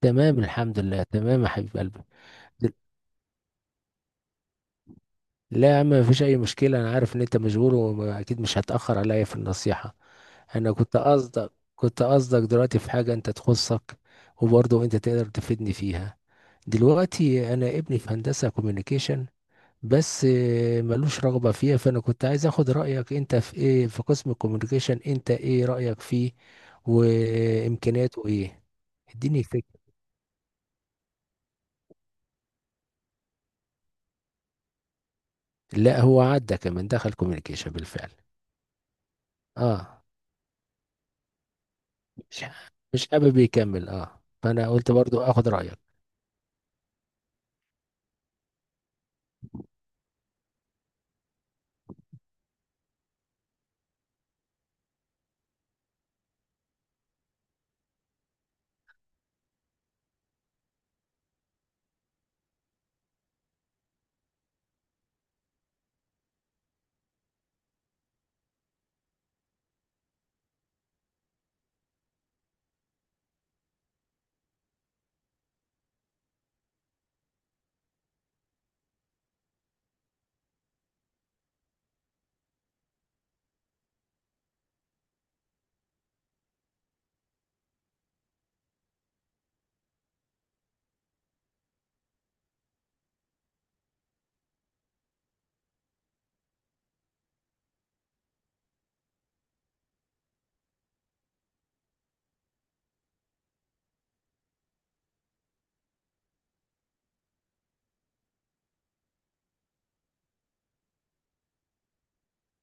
تمام الحمد لله تمام يا حبيب قلبي. دل- لا يا عم، مفيش اي مشكله، انا عارف ان انت مشغول واكيد مش هتاخر عليا في النصيحه. انا كنت قصدك دلوقتي في حاجه انت تخصك، وبرضه انت تقدر تفيدني فيها. دلوقتي انا ابني في هندسه كوميونيكيشن، بس ملوش رغبه فيها، فانا كنت عايز اخد رايك انت في ايه، في قسم الكوميونيكيشن انت ايه رايك فيه وامكانياته ايه؟ اديني فكره. لا، هو عدى كمان، دخل كوميونيكيشن بالفعل. اه. مش مش حابب يكمل، اه، فانا قلت برضو اخد رايك.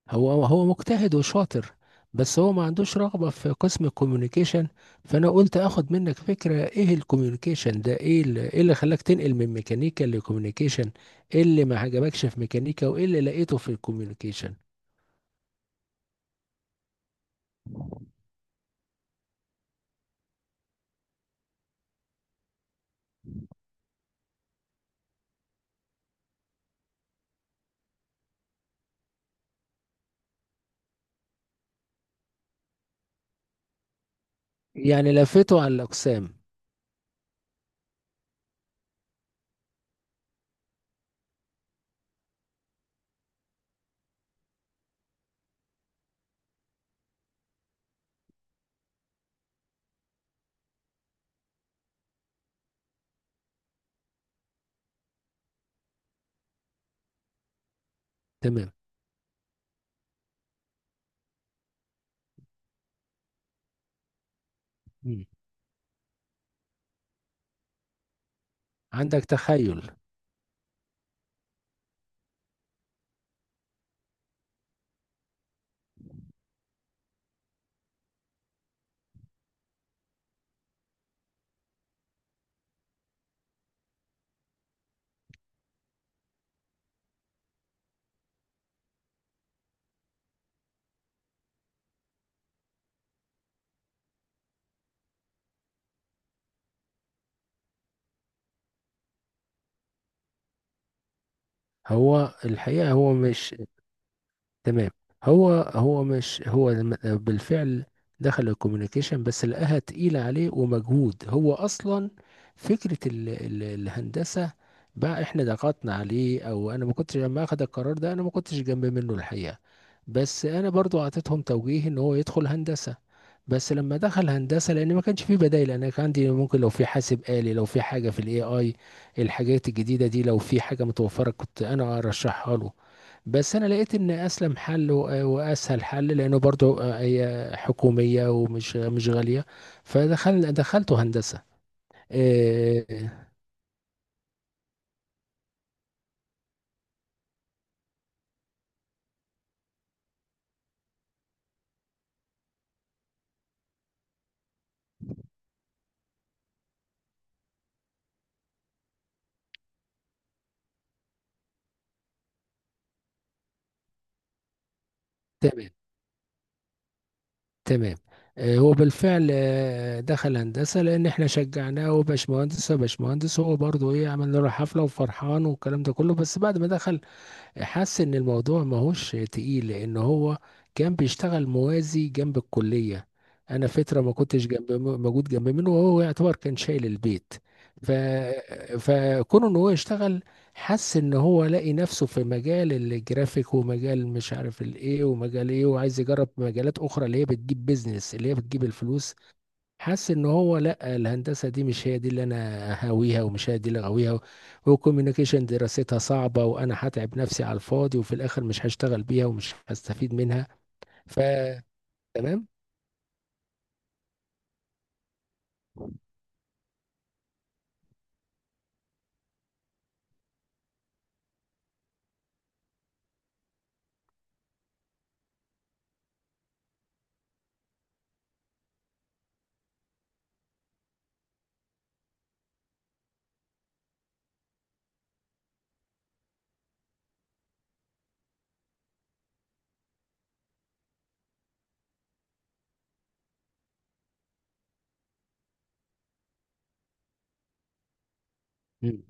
هو مجتهد وشاطر، بس هو ما عندوش رغبه في قسم الكوميونيكيشن. فانا قلت اخد منك فكره، ايه الكوميونيكيشن ده، إيه اللي خلاك تنقل من ميكانيكا لكوميونيكيشن؟ ايه اللي ما عجبكش في ميكانيكا وايه اللي لقيته في الكوميونيكيشن؟ يعني لفيته على الاقسام. تمام. مم. عندك تخيل. هو الحقيقه هو مش. تمام. هو هو مش هو بالفعل دخل الكوميونيكيشن، بس لقاها تقيلة عليه ومجهود. هو أصلا فكرة ال الهندسة بقى احنا ضغطنا عليه، او انا ما كنتش لما اخد القرار ده، انا ما كنتش جنب منه الحقيقة. بس انا برضو اعطيتهم توجيه ان هو يدخل هندسة، بس لما دخل هندسة لان ما كانش فيه بدائل. انا كان عندي ممكن لو في حاسب آلي، لو في حاجة في الاي اي، الحاجات الجديدة دي، لو في حاجة متوفرة كنت انا ارشحها له. بس انا لقيت ان اسلم حل واسهل حل، لانه برضو هي حكوميه ومش مش غاليه. دخلته هندسه. آه، تمام تمام. هو بالفعل دخل هندسه لان احنا شجعناه، وباشمهندس باشمهندس، هو برضو ايه، عملنا له حفله وفرحان والكلام ده كله. بس بعد ما دخل حس ان الموضوع ماهوش تقيل، لان هو كان بيشتغل موازي جنب الكلية. انا فترة ما كنتش موجود جنب منه، وهو يعتبر كان شايل البيت. ف... فكون ان هو يشتغل، حس ان هو لاقي نفسه في مجال الجرافيك ومجال مش عارف الايه ومجال ايه، وعايز يجرب مجالات اخرى اللي هي بتجيب بيزنس، اللي هي بتجيب الفلوس. حاسس ان هو لا، الهندسه دي مش هي دي اللي انا هاويها ومش هي دي اللي غاويها، والكوميونيكيشن دراستها صعبه، وانا هتعب نفسي على الفاضي وفي الاخر مش هشتغل بيها ومش هستفيد منها. ف تمام. مم.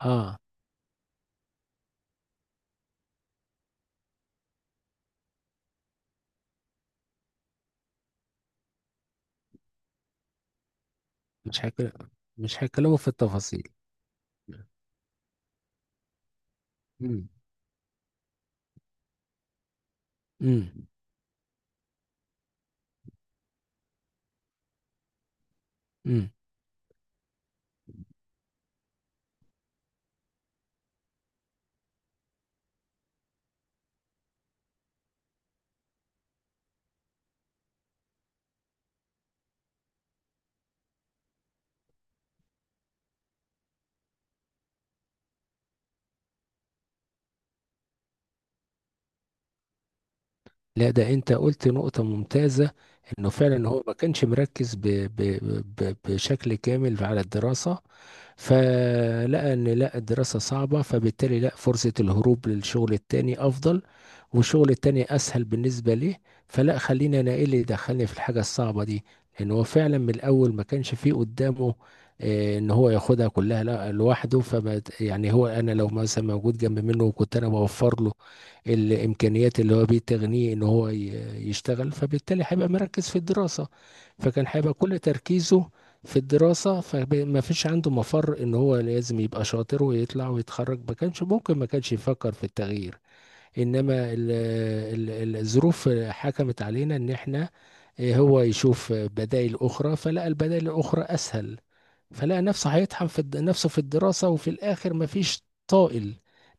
اه، مش هيك مش هيكلموا في التفاصيل. امم امم لا، ده انت قلت نقطة ممتازة، انه فعلا هو ما كانش مركز بشكل كامل على الدراسة، فلقى ان لا، الدراسة صعبة، فبالتالي لا، فرصة الهروب للشغل التاني افضل، والشغل التاني اسهل بالنسبة ليه. فلا خلينا، انا ايه اللي دخلني في الحاجة الصعبة دي؟ لان هو فعلا من الاول ما كانش فيه قدامه ان هو ياخدها كلها لا لوحده، فما يعني، هو انا لو مثلا موجود جنب منه وكنت انا بوفر له الامكانيات اللي هو بتغنيه ان هو يشتغل، فبالتالي هيبقى مركز في الدراسه، فكان هيبقى كل تركيزه في الدراسه، فما فيش عنده مفر ان هو لازم يبقى شاطر ويطلع ويتخرج. ما كانش ممكن، ما كانش يفكر في التغيير، انما الظروف حكمت علينا ان احنا هو يشوف بدائل اخرى، فلقى البدائل الاخرى اسهل، فلقى نفسه هيطحن نفسه في الدراسة وفي الآخر مفيش طائل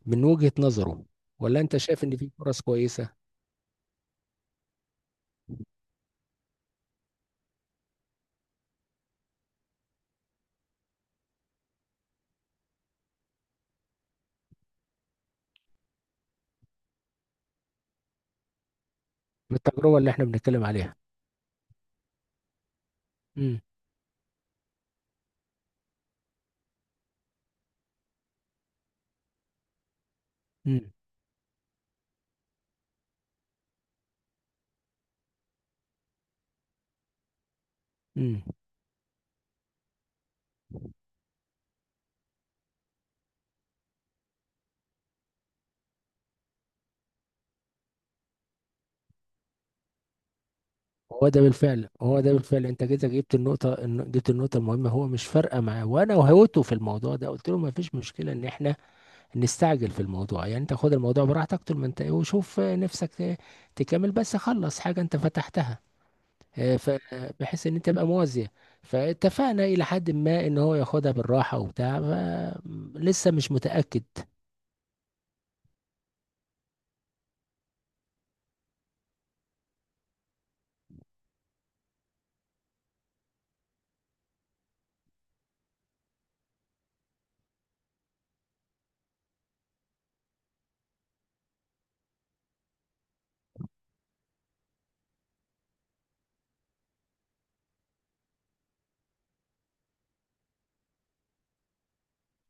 من وجهة نظره. ولا أنت شايف إن في فرص كويسة من التجربة اللي إحنا بنتكلم عليها؟ امم امم امم هو ده بالفعل، أنت كده جبت النقطة المهمة، هو مش فارقة معاه، وأنا وهوته في الموضوع ده قلت له مفيش مشكلة إن إحنا نستعجل في الموضوع، يعني انت خد الموضوع براحتك طول ما انت ايه، وشوف نفسك تكمل، بس خلص حاجة انت فتحتها، آه، ف- بحيث ان انت تبقى موازية. فاتفقنا الى حد ما ان هو ياخدها بالراحة وبتاع لسه مش متأكد.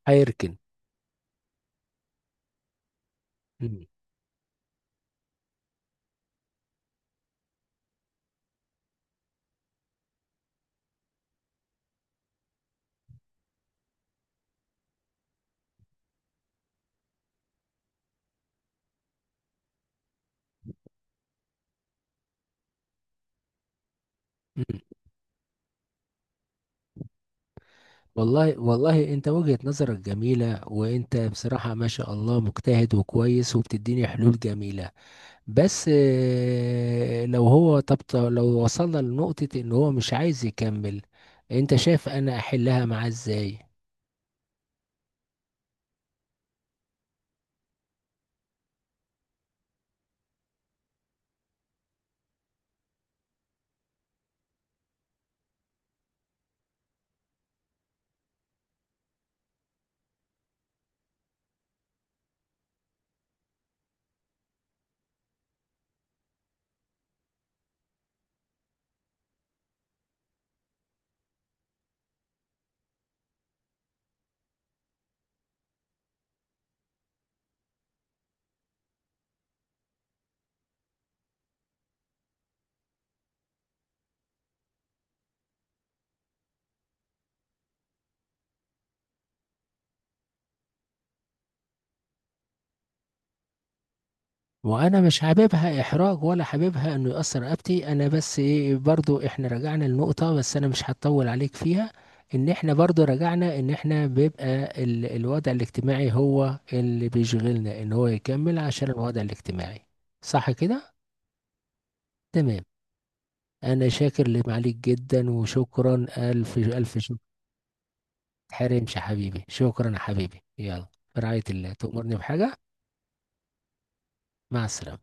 هيركن. مم. مم. والله والله انت وجهة نظرك جميلة، وانت بصراحة ما شاء الله مجتهد وكويس وبتديني حلول جميلة. بس لو هو طب لو وصلنا لنقطة ان هو مش عايز يكمل، انت شايف انا احلها معاه ازاي؟ وانا مش حاببها احراج ولا حاببها انه يأثر رقبتي، انا بس ايه، برضو احنا رجعنا لنقطة، بس انا مش هطول عليك فيها. ان احنا برضو رجعنا ان احنا بيبقى الوضع الاجتماعي هو اللي بيشغلنا، ان هو يكمل عشان الوضع الاجتماعي. صح كده؟ تمام. انا شاكر لمعاليك جدا، وشكرا الف الف شكر. تحرمش يا حبيبي، شكرا يا حبيبي، يلا. في رعاية الله، تؤمرني بحاجة. مع السلامة.